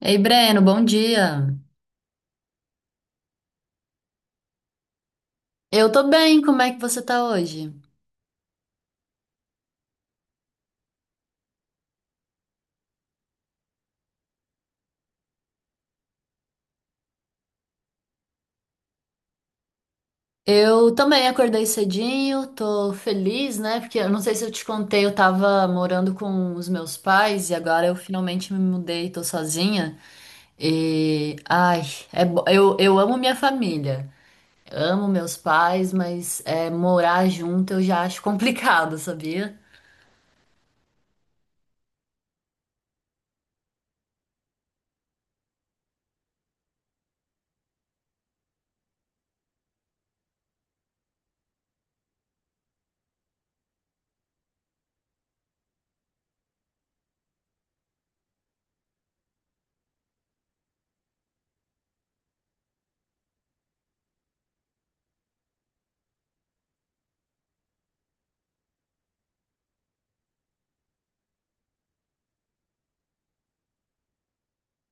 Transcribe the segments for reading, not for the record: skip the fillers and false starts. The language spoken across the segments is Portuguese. Ei, Breno, bom dia. Eu tô bem, como é que você tá hoje? Eu também acordei cedinho, tô feliz, né? Porque eu não sei se eu te contei, eu tava morando com os meus pais e agora eu finalmente me mudei, tô sozinha. E ai, eu amo minha família, amo meus pais, mas é, morar junto eu já acho complicado, sabia?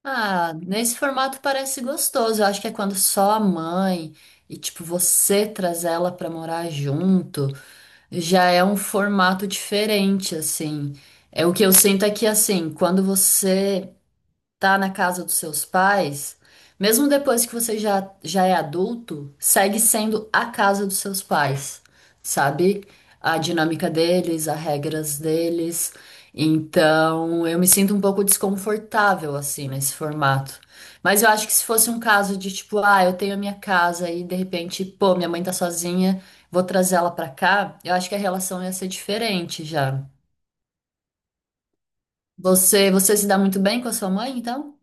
Ah, nesse formato parece gostoso. Eu acho que é quando só a mãe e, tipo, você traz ela pra morar junto, já é um formato diferente, assim. É o que eu sinto aqui, assim, quando você tá na casa dos seus pais, mesmo depois que você já, é adulto, segue sendo a casa dos seus pais, sabe? A dinâmica deles, as regras deles. Então, eu me sinto um pouco desconfortável assim nesse formato. Mas eu acho que se fosse um caso de tipo, ah, eu tenho a minha casa e de repente, pô, minha mãe tá sozinha, vou trazer ela pra cá, eu acho que a relação ia ser diferente já. Você se dá muito bem com a sua mãe, então?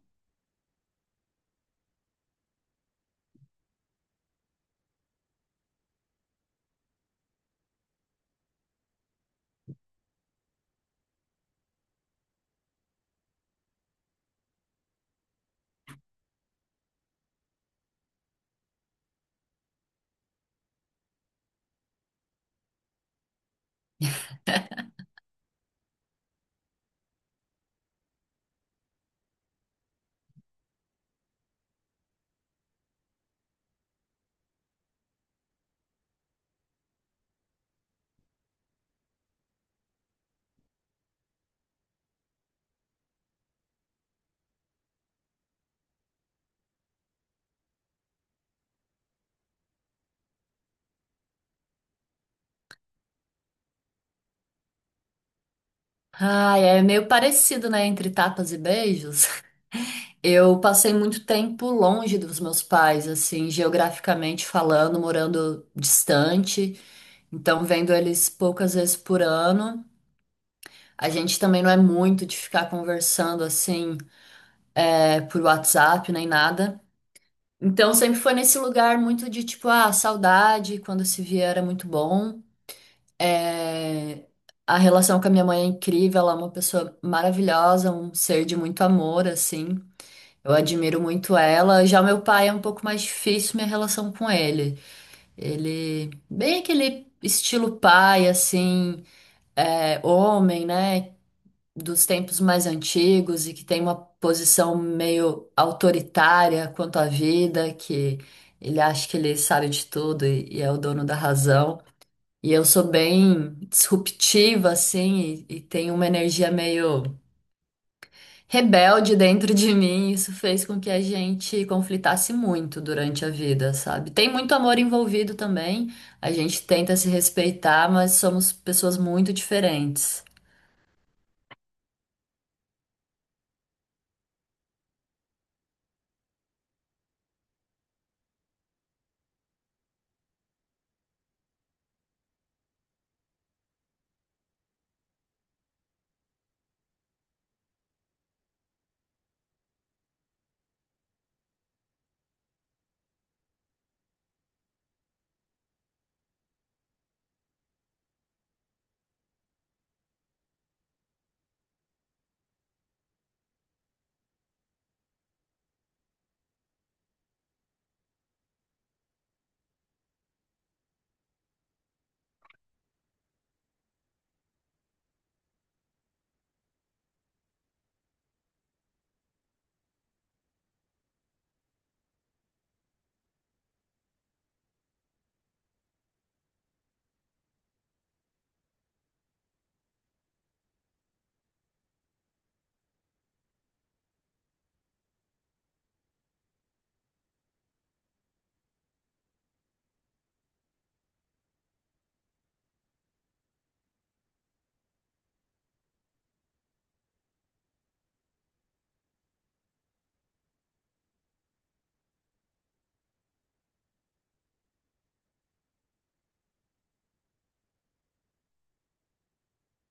Ai, é meio parecido, né, entre tapas e beijos. Eu passei muito tempo longe dos meus pais, assim, geograficamente falando, morando distante, então vendo eles poucas vezes por ano. A gente também não é muito de ficar conversando assim, é, por WhatsApp nem nada. Então sempre foi nesse lugar muito de tipo, ah, saudade, quando se via era muito bom. É, a relação com a minha mãe é incrível, ela é uma pessoa maravilhosa, um ser de muito amor, assim. Eu admiro muito ela. Já meu pai é um pouco mais difícil minha relação com ele. Ele, bem aquele estilo pai, assim, é, homem, né? Dos tempos mais antigos e que tem uma posição meio autoritária quanto à vida, que ele acha que ele sabe de tudo e é o dono da razão. E eu sou bem disruptiva, assim, e tenho uma energia meio rebelde dentro de mim, isso fez com que a gente conflitasse muito durante a vida, sabe? Tem muito amor envolvido também, a gente tenta se respeitar, mas somos pessoas muito diferentes.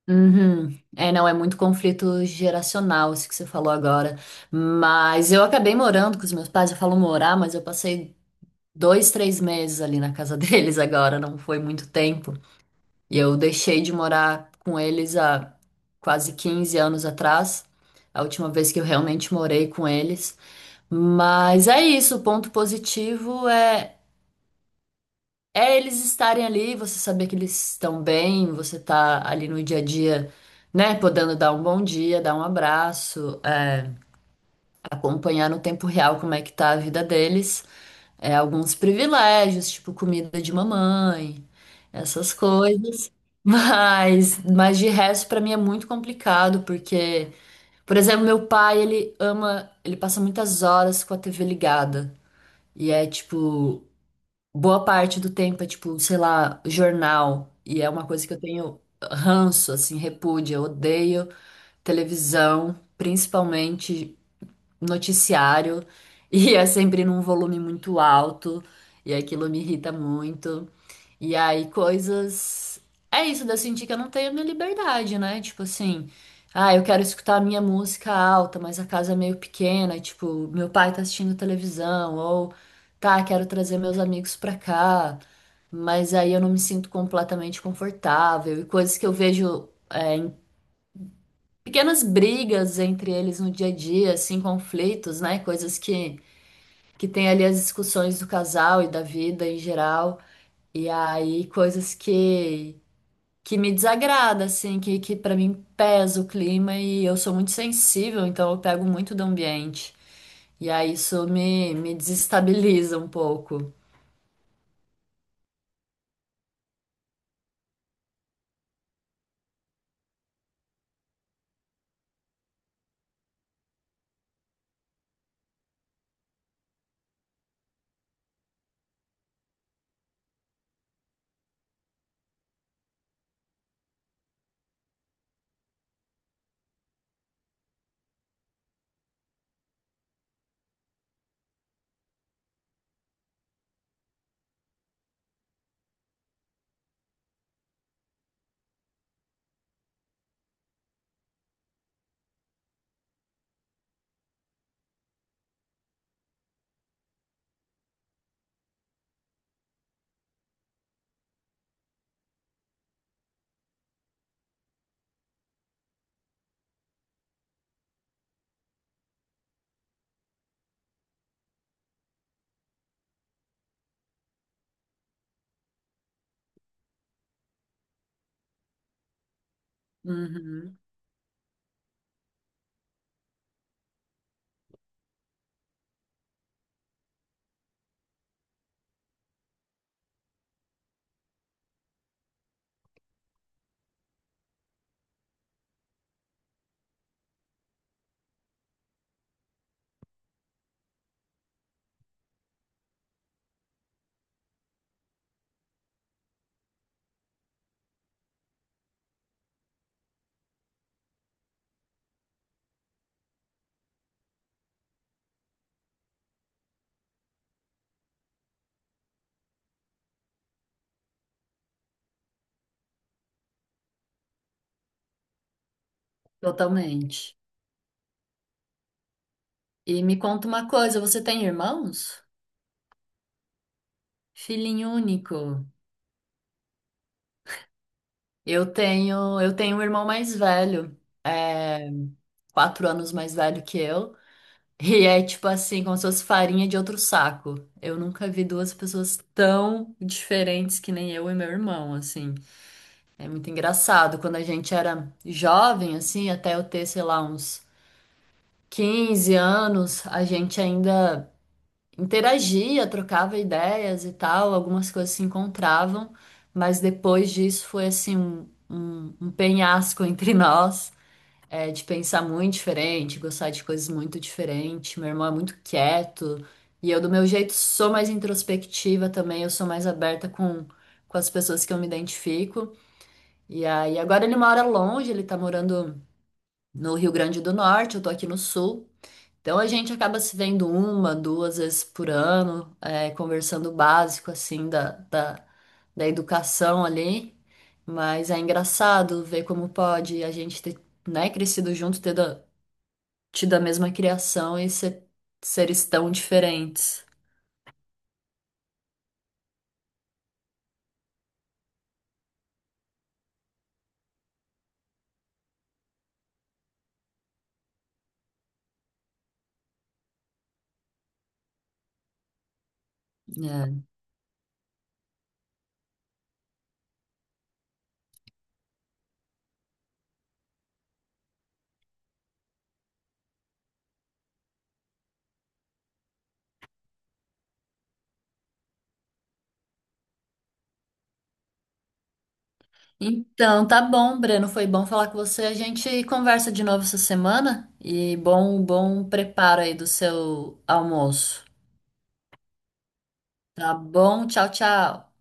Uhum. É, não, é muito conflito geracional, isso que você falou agora. Mas eu acabei morando com os meus pais, eu falo morar, mas eu passei 2, 3 meses ali na casa deles agora, não foi muito tempo. E eu deixei de morar com eles há quase 15 anos atrás, a última vez que eu realmente morei com eles. Mas é isso, o ponto positivo é, eles estarem ali, você saber que eles estão bem, você tá ali no dia a dia, né, podendo dar um bom dia, dar um abraço, é, acompanhar no tempo real como é que tá a vida deles. É, alguns privilégios, tipo comida de mamãe, essas coisas. Mas de resto, para mim é muito complicado, porque, por exemplo, meu pai, ele ama, ele passa muitas horas com a TV ligada. E é tipo, boa parte do tempo é tipo, sei lá, jornal. E é uma coisa que eu tenho ranço, assim, repúdio. Eu odeio televisão, principalmente noticiário e é sempre num volume muito alto e aquilo me irrita muito. E aí coisas. É isso, de eu sentir que eu não tenho a minha liberdade, né? Tipo assim, ah, eu quero escutar a minha música alta, mas a casa é meio pequena, e, tipo, meu pai tá assistindo televisão, ou tá, quero trazer meus amigos pra cá. Mas aí eu não me sinto completamente confortável. E coisas que eu vejo é, pequenas brigas entre eles no dia a dia, assim, conflitos, né? Coisas que tem ali as discussões do casal e da vida em geral. E aí, coisas que me desagrada, assim, que para mim pesa o clima e eu sou muito sensível, então eu pego muito do ambiente. E aí, isso me desestabiliza um pouco. Uhum, totalmente. E me conta uma coisa, você tem irmãos? Filhinho único. Eu tenho um irmão mais velho, é, 4 anos mais velho que eu, e é tipo assim, como se fosse farinha de outro saco. Eu nunca vi duas pessoas tão diferentes que nem eu e meu irmão, assim. É muito engraçado. Quando a gente era jovem, assim, até eu ter, sei lá, uns 15 anos, a gente ainda interagia, trocava ideias e tal, algumas coisas se encontravam, mas depois disso foi assim um, um penhasco entre nós. É, de pensar muito diferente, gostar de coisas muito diferentes. Meu irmão é muito quieto. E eu, do meu jeito, sou mais introspectiva também. Eu sou mais aberta com, as pessoas que eu me identifico. E aí, agora ele mora longe, ele tá morando no Rio Grande do Norte, eu tô aqui no Sul. Então a gente acaba se vendo uma, duas vezes por ano, é, conversando o básico, assim, da, da educação ali. Mas é engraçado ver como pode a gente ter, né, crescido junto, ter tido a mesma criação e ser, seres tão diferentes. É. Então, tá bom, Breno. Foi bom falar com você. A gente conversa de novo essa semana e bom, bom preparo aí do seu almoço. Tá bom? Tchau, tchau.